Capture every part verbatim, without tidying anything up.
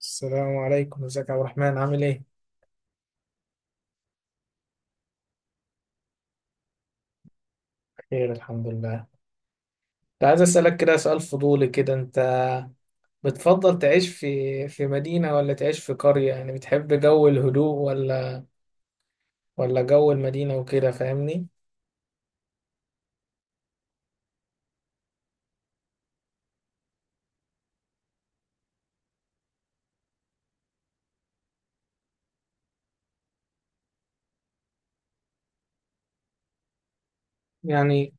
السلام عليكم، ازيك يا عبد الرحمن، عامل ايه؟ بخير الحمد لله. كنت عايز اسألك كده سؤال فضولي كده. انت بتفضل تعيش في في مدينة ولا تعيش في قرية؟ يعني بتحب جو الهدوء ولا ولا جو المدينة وكده، فاهمني؟ يعني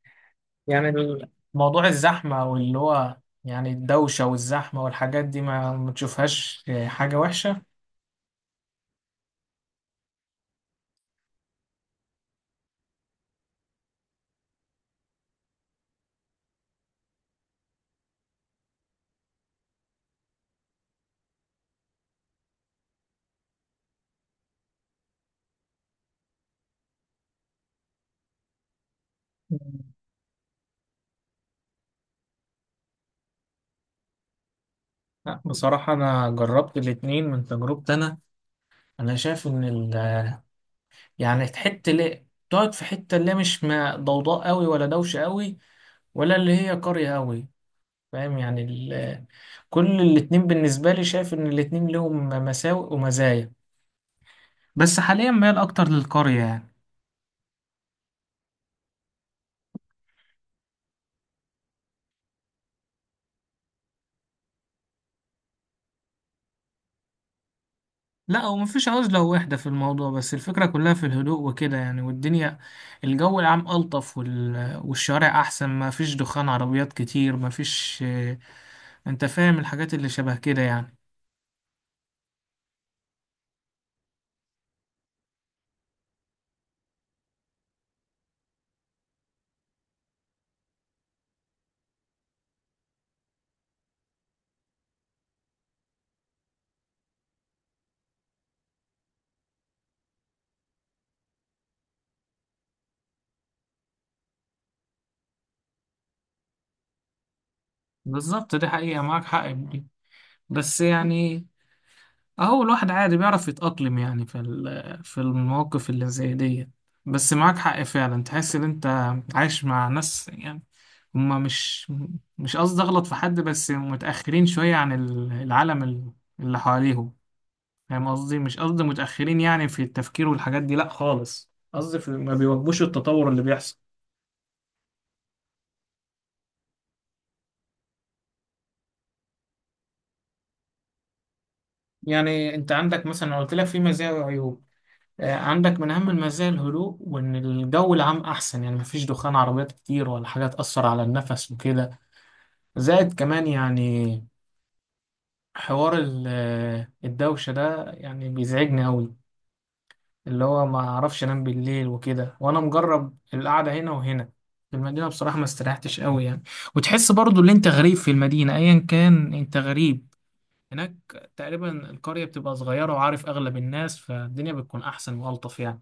يعني ال- موضوع الزحمة واللي هو يعني الدوشة والزحمة والحاجات دي ما ما تشوفهاش حاجة وحشة؟ لا بصراحة أنا جربت الاتنين. من تجربتي أنا أنا شايف إن ال يعني حتة اللي تقعد في حتة اللي مش ما ضوضاء قوي ولا دوشة قوي، ولا اللي هي قرية قوي. فاهم يعني ال... كل الاتنين بالنسبة لي، شايف ان الاتنين لهم مساوئ ومزايا، بس حاليا ميال اكتر للقرية يعني. لا، هو مفيش عزلة ووحدة في الموضوع، بس الفكرة كلها في الهدوء وكده يعني. والدنيا الجو العام ألطف وال... والشوارع أحسن، ما فيش دخان عربيات كتير، ما فيش. أنت فاهم الحاجات اللي شبه كده يعني. بالظبط، دي حقيقة، معاك حق في دي. بس يعني اهو الواحد عادي بيعرف يتأقلم يعني في ال- في المواقف اللي زي دي. بس معاك حق فعلا، تحس ان انت عايش مع ناس يعني. هما مش مش قصدي اغلط في حد، بس متأخرين شوية عن ال- العالم ال- اللي حواليهم. فاهم قصدي؟ مش قصدي متأخرين يعني في التفكير والحاجات دي، لا خالص. قصدي في- ما بيواكبوش التطور اللي بيحصل. يعني انت عندك مثلا، أنا قلت لك في مزايا وعيوب. آه، عندك من أهم المزايا الهدوء، وإن الجو العام أحسن يعني، مفيش دخان عربيات كتير ولا حاجة تأثر على النفس وكده. زائد كمان يعني حوار ال- آه، الدوشة ده، يعني بيزعجني أوي. اللي هو ما أعرفش أنام بالليل وكده. وأنا مجرب القعدة هنا وهنا. في المدينة بصراحة ما استريحتش أوي يعني. وتحس برضو إن أنت غريب في المدينة، أيا كان أنت غريب هناك. تقريبا القرية بتبقى صغيرة وعارف أغلب الناس، فالدنيا بتكون أحسن وألطف يعني.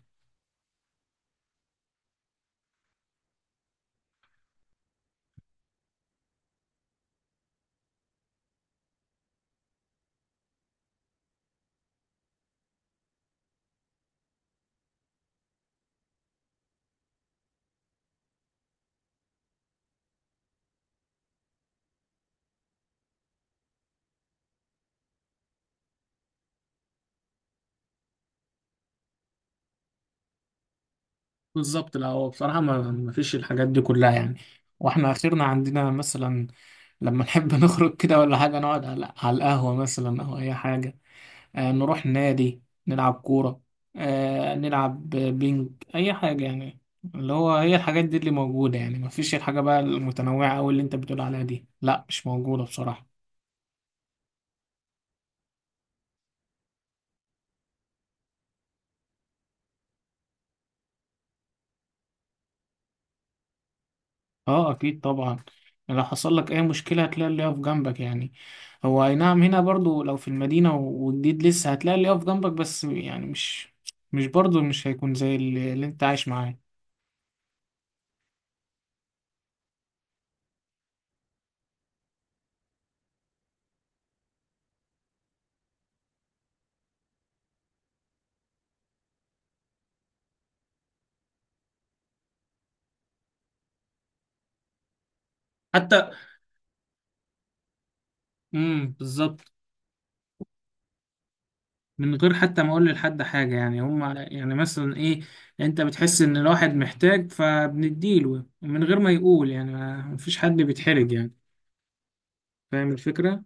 بالظبط. لا هو بصراحة ما ما فيش الحاجات دي كلها يعني. واحنا اخرنا عندنا مثلا لما نحب نخرج كده ولا حاجة، نقعد على على القهوة مثلا، او اي حاجة. آه نروح نادي، نلعب كورة، آه نلعب بينج، اي حاجة يعني. اللي هو هي الحاجات دي اللي موجودة يعني، ما فيش الحاجة بقى المتنوعة او اللي انت بتقول عليها دي، لا مش موجودة بصراحة. اه اكيد طبعا. لو حصل لك اي مشكله هتلاقي اللي يقف جنبك يعني. هو اي نعم، هنا برضو لو في المدينه و- وجديد لسه هتلاقي اللي يقف جنبك، بس يعني مش مش برضو مش هيكون زي اللي, اللي انت عايش معاه. حتى، امم بالظبط. من غير حتى ما اقول لحد حاجه يعني، هم يعني مثلا ايه، انت بتحس ان الواحد محتاج فبنديله من غير ما يقول يعني، ما مفيش حد بيتحرج يعني. فاهم الفكره؟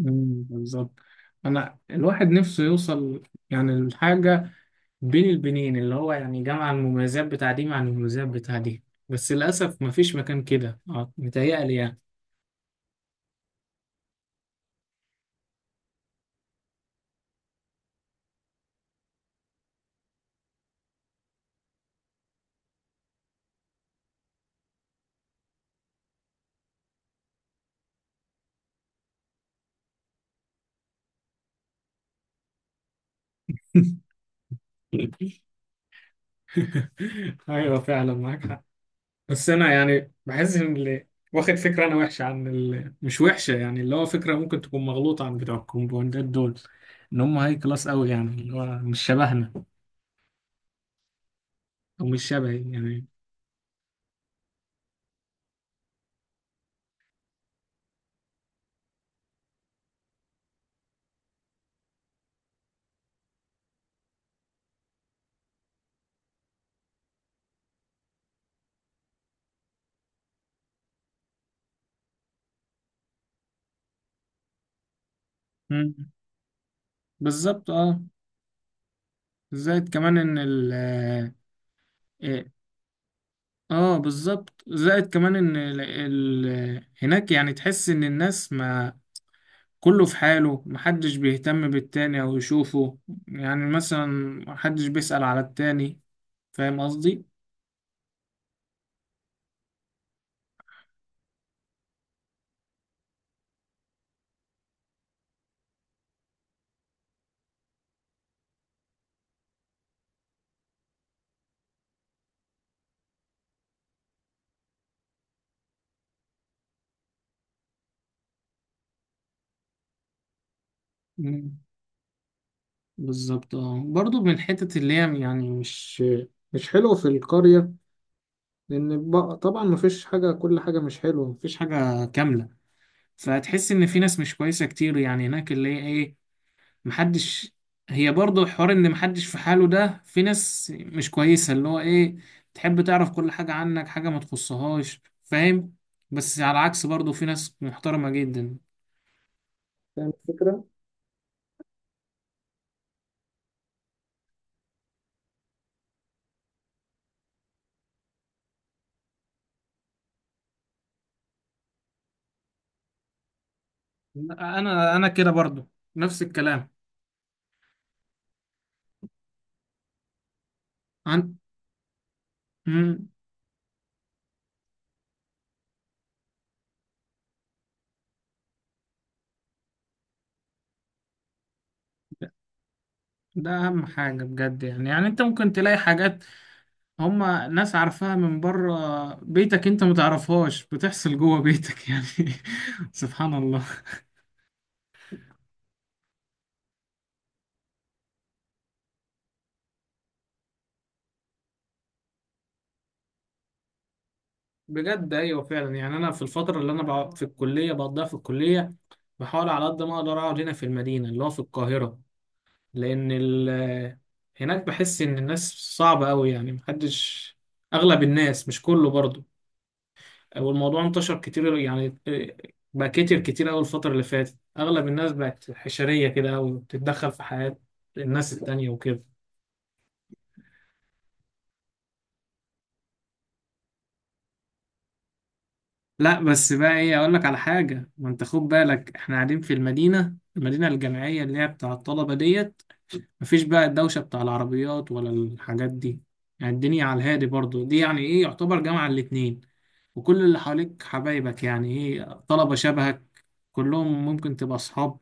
امم بالظبط. انا الواحد نفسه يوصل يعني لحاجه بين البنين، اللي هو يعني جمع المميزات بتاع دي مع المميزات بتاع دي، بس للأسف مفيش مكان كده اه، متهيألي يعني. أيوة فعلا معاك حق. بس أنا يعني بحس إن اللي واخد فكرة أنا وحشة عن ال... مش وحشة يعني، اللي هو فكرة ممكن تكون مغلوطة عن بتوع الكومباوندات دول. إن هم هاي كلاس أوي يعني، اللي هو مش شبهنا، أو مش شبهي يعني. مم. بالظبط أه. زائد كمان إن ال آه، اه بالظبط. زائد كمان ان ال... ال... هناك يعني تحس ان الناس ما كله في حاله، محدش بيهتم بالتاني او يشوفه. يعني مثلا محدش بيسأل على التاني. فاهم قصدي؟ مم. بالظبط. اه برضو من الحتت اللي هي يعني مش مش حلوة في القرية. لأن بق- طبعا مفيش حاجة، كل حاجة مش حلوة، مفيش حاجة كاملة. فتحس إن في ناس مش كويسة كتير يعني هناك، اللي هي إيه، محدش هي برضه حوار ان محدش في حاله. ده في ناس مش كويسة، اللي هو ايه، تحب تعرف كل حاجة عنك، حاجة ما تخصهاش. فاهم؟ بس على العكس برضه في ناس محترمة جدا. فاهم الفكرة؟ انا انا كده برضه نفس الكلام عن مم. ده اهم حاجة بجد يعني يعني انت ممكن تلاقي حاجات هما ناس عارفاها من بره، بيتك انت متعرفهاش بتحصل جوه بيتك يعني. سبحان الله. بجد ايوه فعلا. يعني انا في الفتره اللي انا بقعد في الكليه بقضيها في الكليه، بحاول على قد ما اقدر اقعد هنا في المدينه اللي هو في القاهره. لان ال هناك بحس ان الناس صعبه قوي يعني. محدش اغلب الناس، مش كله برضو. والموضوع انتشر كتير يعني. بقى كتير كتير قوي الفتره اللي فاتت، اغلب الناس بقت حشريه كده قوي، وبتتدخل في حياه الناس التانية وكده. لا بس بقى ايه، اقول لك على حاجه. ما انت خد بالك، احنا قاعدين في المدينه المدينه الجامعيه اللي هي بتاع الطلبه ديت. مفيش بقى الدوشة بتاع العربيات ولا الحاجات دي. يعني الدنيا على الهادي برضو، دي يعني ايه، يعتبر جامعة الاتنين. وكل اللي حواليك حبايبك يعني ايه، طلبة شبهك، كلهم ممكن تبقى صحاب.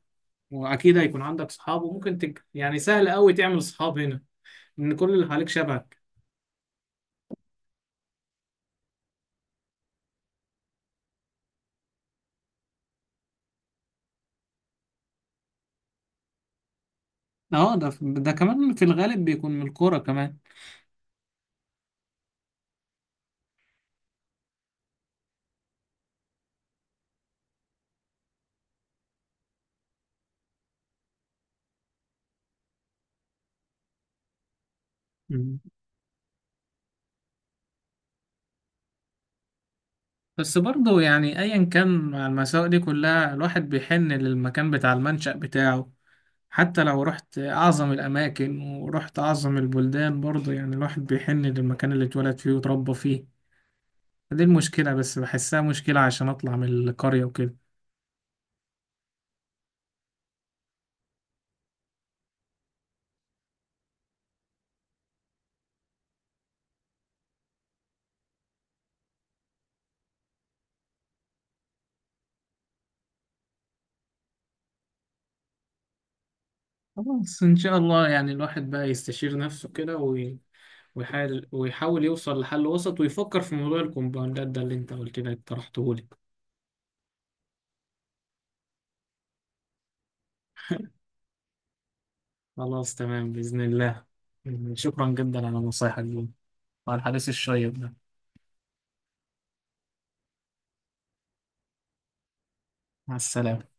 واكيد هيكون عندك صحاب، وممكن تج... يعني سهل قوي تعمل صحاب هنا، ان كل اللي حواليك شبهك. اه ده ده كمان في الغالب بيكون من الكورة كمان. مم. بس برضه يعني ايا كان، مع المساوئ دي كلها الواحد بيحن للمكان بتاع المنشأ بتاعه. حتى لو رحت أعظم الأماكن ورحت أعظم البلدان، برضه يعني الواحد بيحن للمكان اللي اتولد فيه وتربى فيه. فدي المشكلة، بس بحسها مشكلة عشان أطلع من القرية وكده. خلاص إن شاء الله. يعني الواحد بقى يستشير نفسه كده وي- ويحاول ويحاول يوصل لحل وسط، ويفكر في موضوع الكومباوندات ده اللي أنت قلت لي اقترحته لي. خلاص تمام بإذن الله. شكرا جدا على نصايحك دي وعلى الحديث الشيق ده. مع السلامة.